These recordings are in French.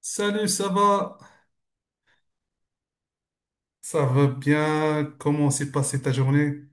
Salut, ça va? Ça va bien? Comment s'est passée ta journée?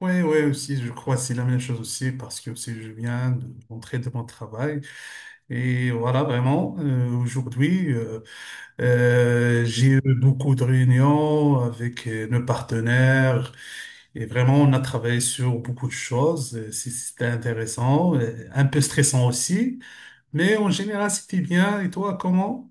Oui, oui, aussi, je crois que c'est la même chose aussi, parce que aussi, je viens de rentrer de mon travail. Et voilà, vraiment, aujourd'hui, j'ai eu beaucoup de réunions avec nos partenaires. Et vraiment, on a travaillé sur beaucoup de choses. C'était intéressant, un peu stressant aussi. Mais en général, c'était bien. Et toi, comment?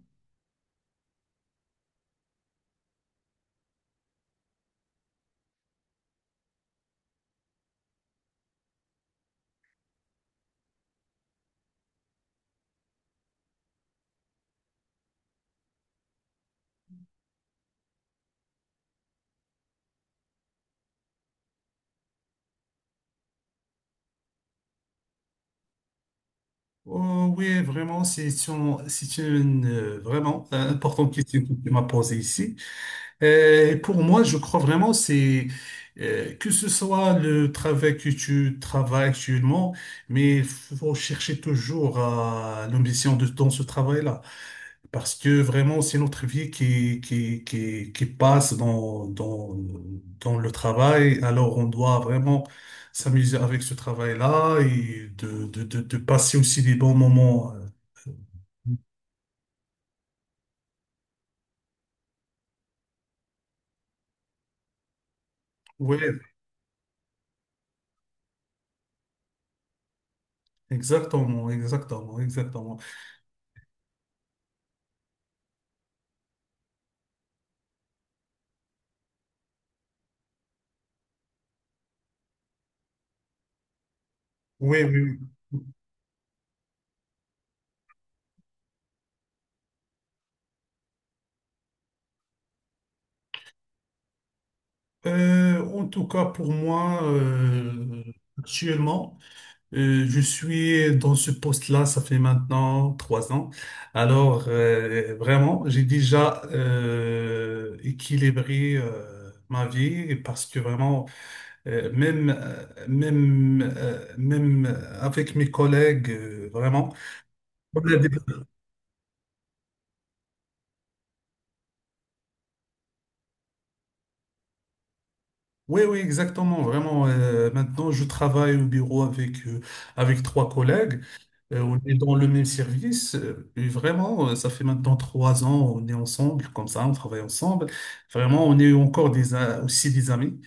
Oui, vraiment, c'est une vraiment importante question que tu m'as posée ici. Et pour moi, je crois vraiment c'est que ce soit le travail que tu travailles actuellement, mais il faut chercher toujours à l'ambition de, dans ce travail-là. Parce que vraiment, c'est notre vie qui passe dans le travail. Alors, on doit vraiment s'amuser avec ce travail-là et de passer aussi des bons moments. Oui, exactement, exactement, exactement. Oui, oui, oui. En tout cas, pour moi, actuellement, je suis dans ce poste-là, ça fait maintenant trois ans. Alors, vraiment, j'ai déjà équilibré ma vie parce que vraiment, même avec mes collègues, oui, oui, exactement. Vraiment, maintenant, je travaille au bureau avec, avec trois collègues. On est dans le même service, et vraiment, ça fait maintenant trois ans, on est ensemble, comme ça, on travaille ensemble. Vraiment, on est encore des, aussi des amis.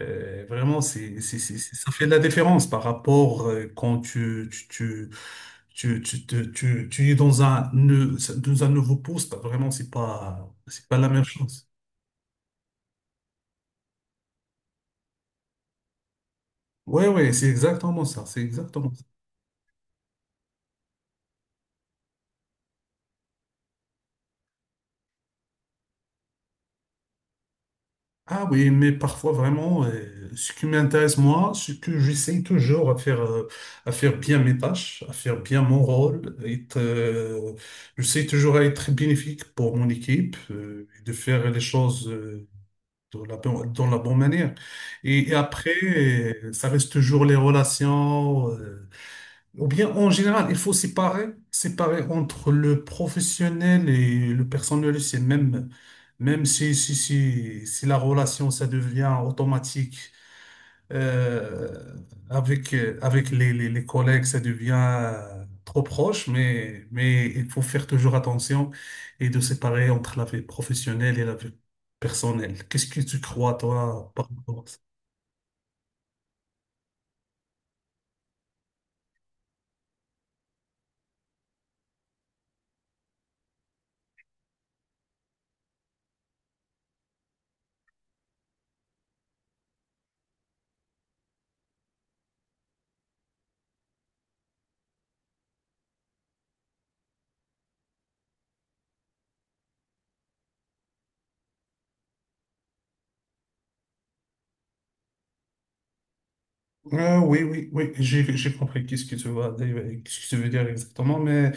Vraiment, c'est- Ça fait de la différence par rapport quand tu es dans un, dans un nouveau poste. Vraiment, c'est pas la même chose. Oui, oui, c'est exactement ça. C'est exactement. Ah oui, mais parfois vraiment, ce qui m'intéresse moi, c'est que j'essaie toujours à faire bien mes tâches, à faire bien mon rôle, être, j'essaie toujours à être bénéfique pour mon équipe, et de faire les choses, dans la bonne manière. Et après, ça reste toujours les relations, ou bien en général, il faut séparer entre le professionnel et le personnel. C'est même, si la relation, ça devient automatique euh, avec, avec les collègues, ça devient trop proche, mais il faut faire toujours attention et de séparer entre la vie professionnelle et la vie personnelle. Qu'est-ce que tu crois, toi, par rapport à ça? Oui, oui, oui, j'ai compris qu'est-ce que tu veux, qu'est-ce que tu veux dire exactement,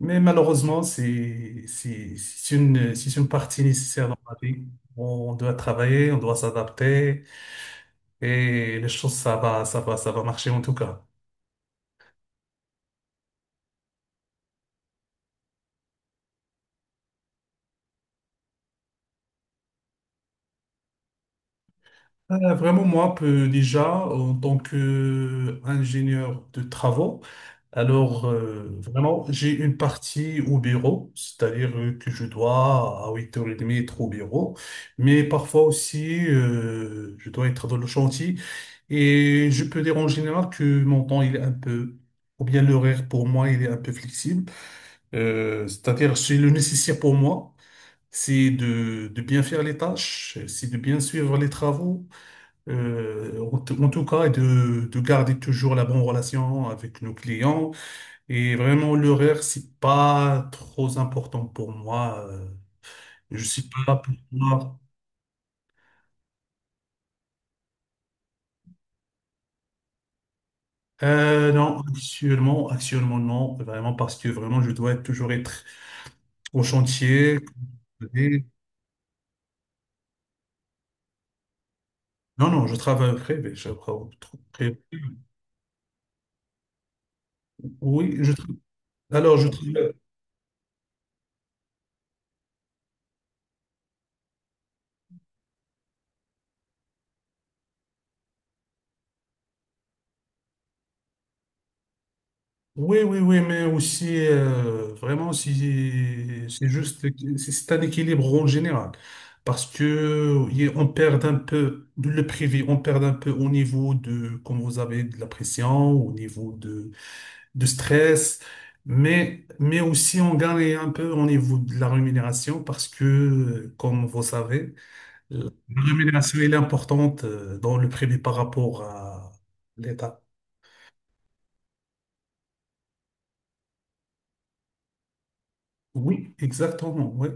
mais malheureusement, c'est une partie nécessaire dans la vie. On doit travailler, on doit s'adapter, et les choses, ça va marcher en tout cas. Vraiment, moi, un peu déjà, en tant qu'ingénieur de travaux, alors vraiment, j'ai une partie au bureau, c'est-à-dire que je dois à 8h30 être au bureau, mais parfois aussi, je dois être dans le chantier et je peux dire en général que mon temps, il est un peu, ou bien l'horaire pour moi, il est un peu flexible. C'est-à-dire c'est le nécessaire pour moi. C'est de bien faire les tâches, c'est de bien suivre les travaux, en tout cas, et de garder toujours la bonne relation avec nos clients. Et vraiment, l'horaire, c'est pas trop important pour moi. Je suis pas là pour moi. Non, actuellement, non. Vraiment, parce que vraiment, toujours être au chantier. Et non, non, je travaille au privé. Je travaille au privé. Oui, je, tra- alors, je travaille. Oui, oui, oui, mais aussi, vraiment, si, c'est juste, c'est un équilibre en général. Parce que on perd un peu de le privé, on perd un peu au niveau de, comme vous avez, de la pression, au niveau de stress, mais aussi on gagne un peu au niveau de la rémunération parce que, comme vous savez, la rémunération, elle est importante dans le privé par rapport à l'État. Oui, exactement, oui.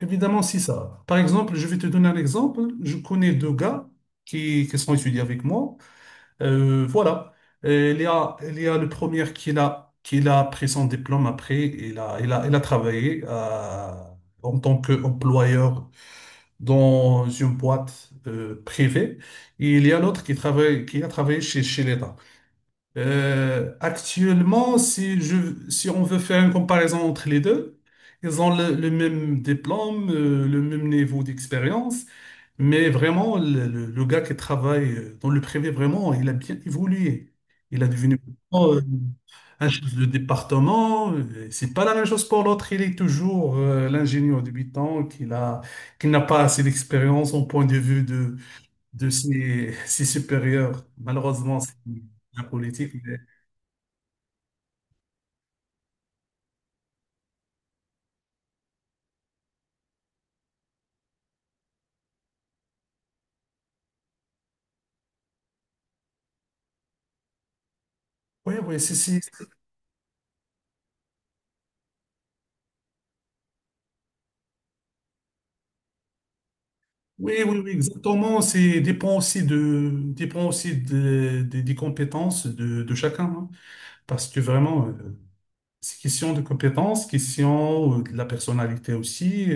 Évidemment, c'est ça. Par exemple, je vais te donner un exemple. Je connais deux gars qui sont étudiés avec moi. Voilà. Il y a le premier qui l'a pris son diplôme après. Il a travaillé en tant qu'employeur dans une boîte privée. Et il y a l'autre qui travaille, qui a travaillé chez l'État. Actuellement, si on veut faire une comparaison entre les deux, ils ont le même diplôme, le même niveau d'expérience, mais vraiment, le gars qui travaille dans le privé, vraiment, il a bien évolué. Il a devenu euh, un chef de département. C'est pas la même chose pour l'autre. Il est toujours l'ingénieur débutant qui n'a pas assez d'expérience au point de vue de ses, ses supérieurs. Malheureusement, c'est la politique. Oui, oui, c'est, c'est- oui, oui, oui, exactement. C'est dépend aussi de, des compétences de chacun, hein. Parce que vraiment, c'est question de compétences, question de la personnalité aussi.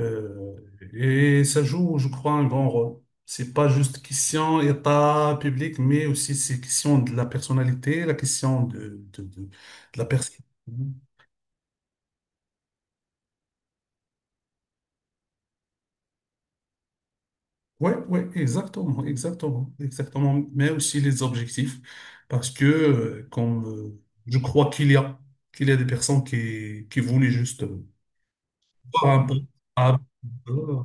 euh, et ça joue, je crois, un grand rôle. C'est pas juste question état public, mais aussi c'est question de la personnalité, la question de la personne. Ouais, ouais, exactement, exactement, exactement. Mais aussi les objectifs, parce que comme je crois qu'il y a des personnes qui voulaient juste voir un peu. Ah, euh,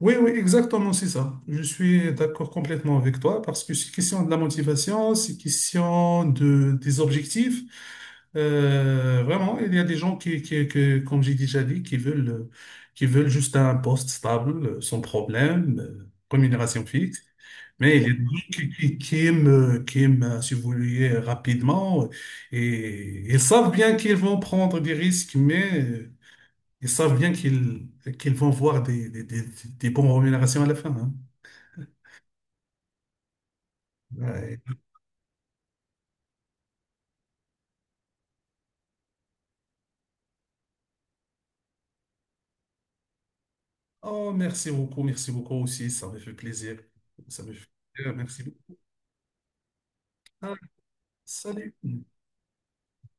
Oui, oui, exactement, c'est ça. Je suis d'accord complètement avec toi parce que c'est question de la motivation, c'est question de, des objectifs. Vraiment, il y a des gens que, comme j'ai déjà dit, qui veulent juste un poste stable, sans problème, rémunération fixe. Mais il y a des gens qui aiment, si vous voulez, rapidement et ils savent bien qu'ils vont prendre des risques, mais ils savent bien qu'ils vont voir des bonnes rémunérations à la fin, hein. Ouais. Oh, merci beaucoup aussi. Ça me fait plaisir. Ça me fait plaisir. Merci beaucoup. Ah, salut.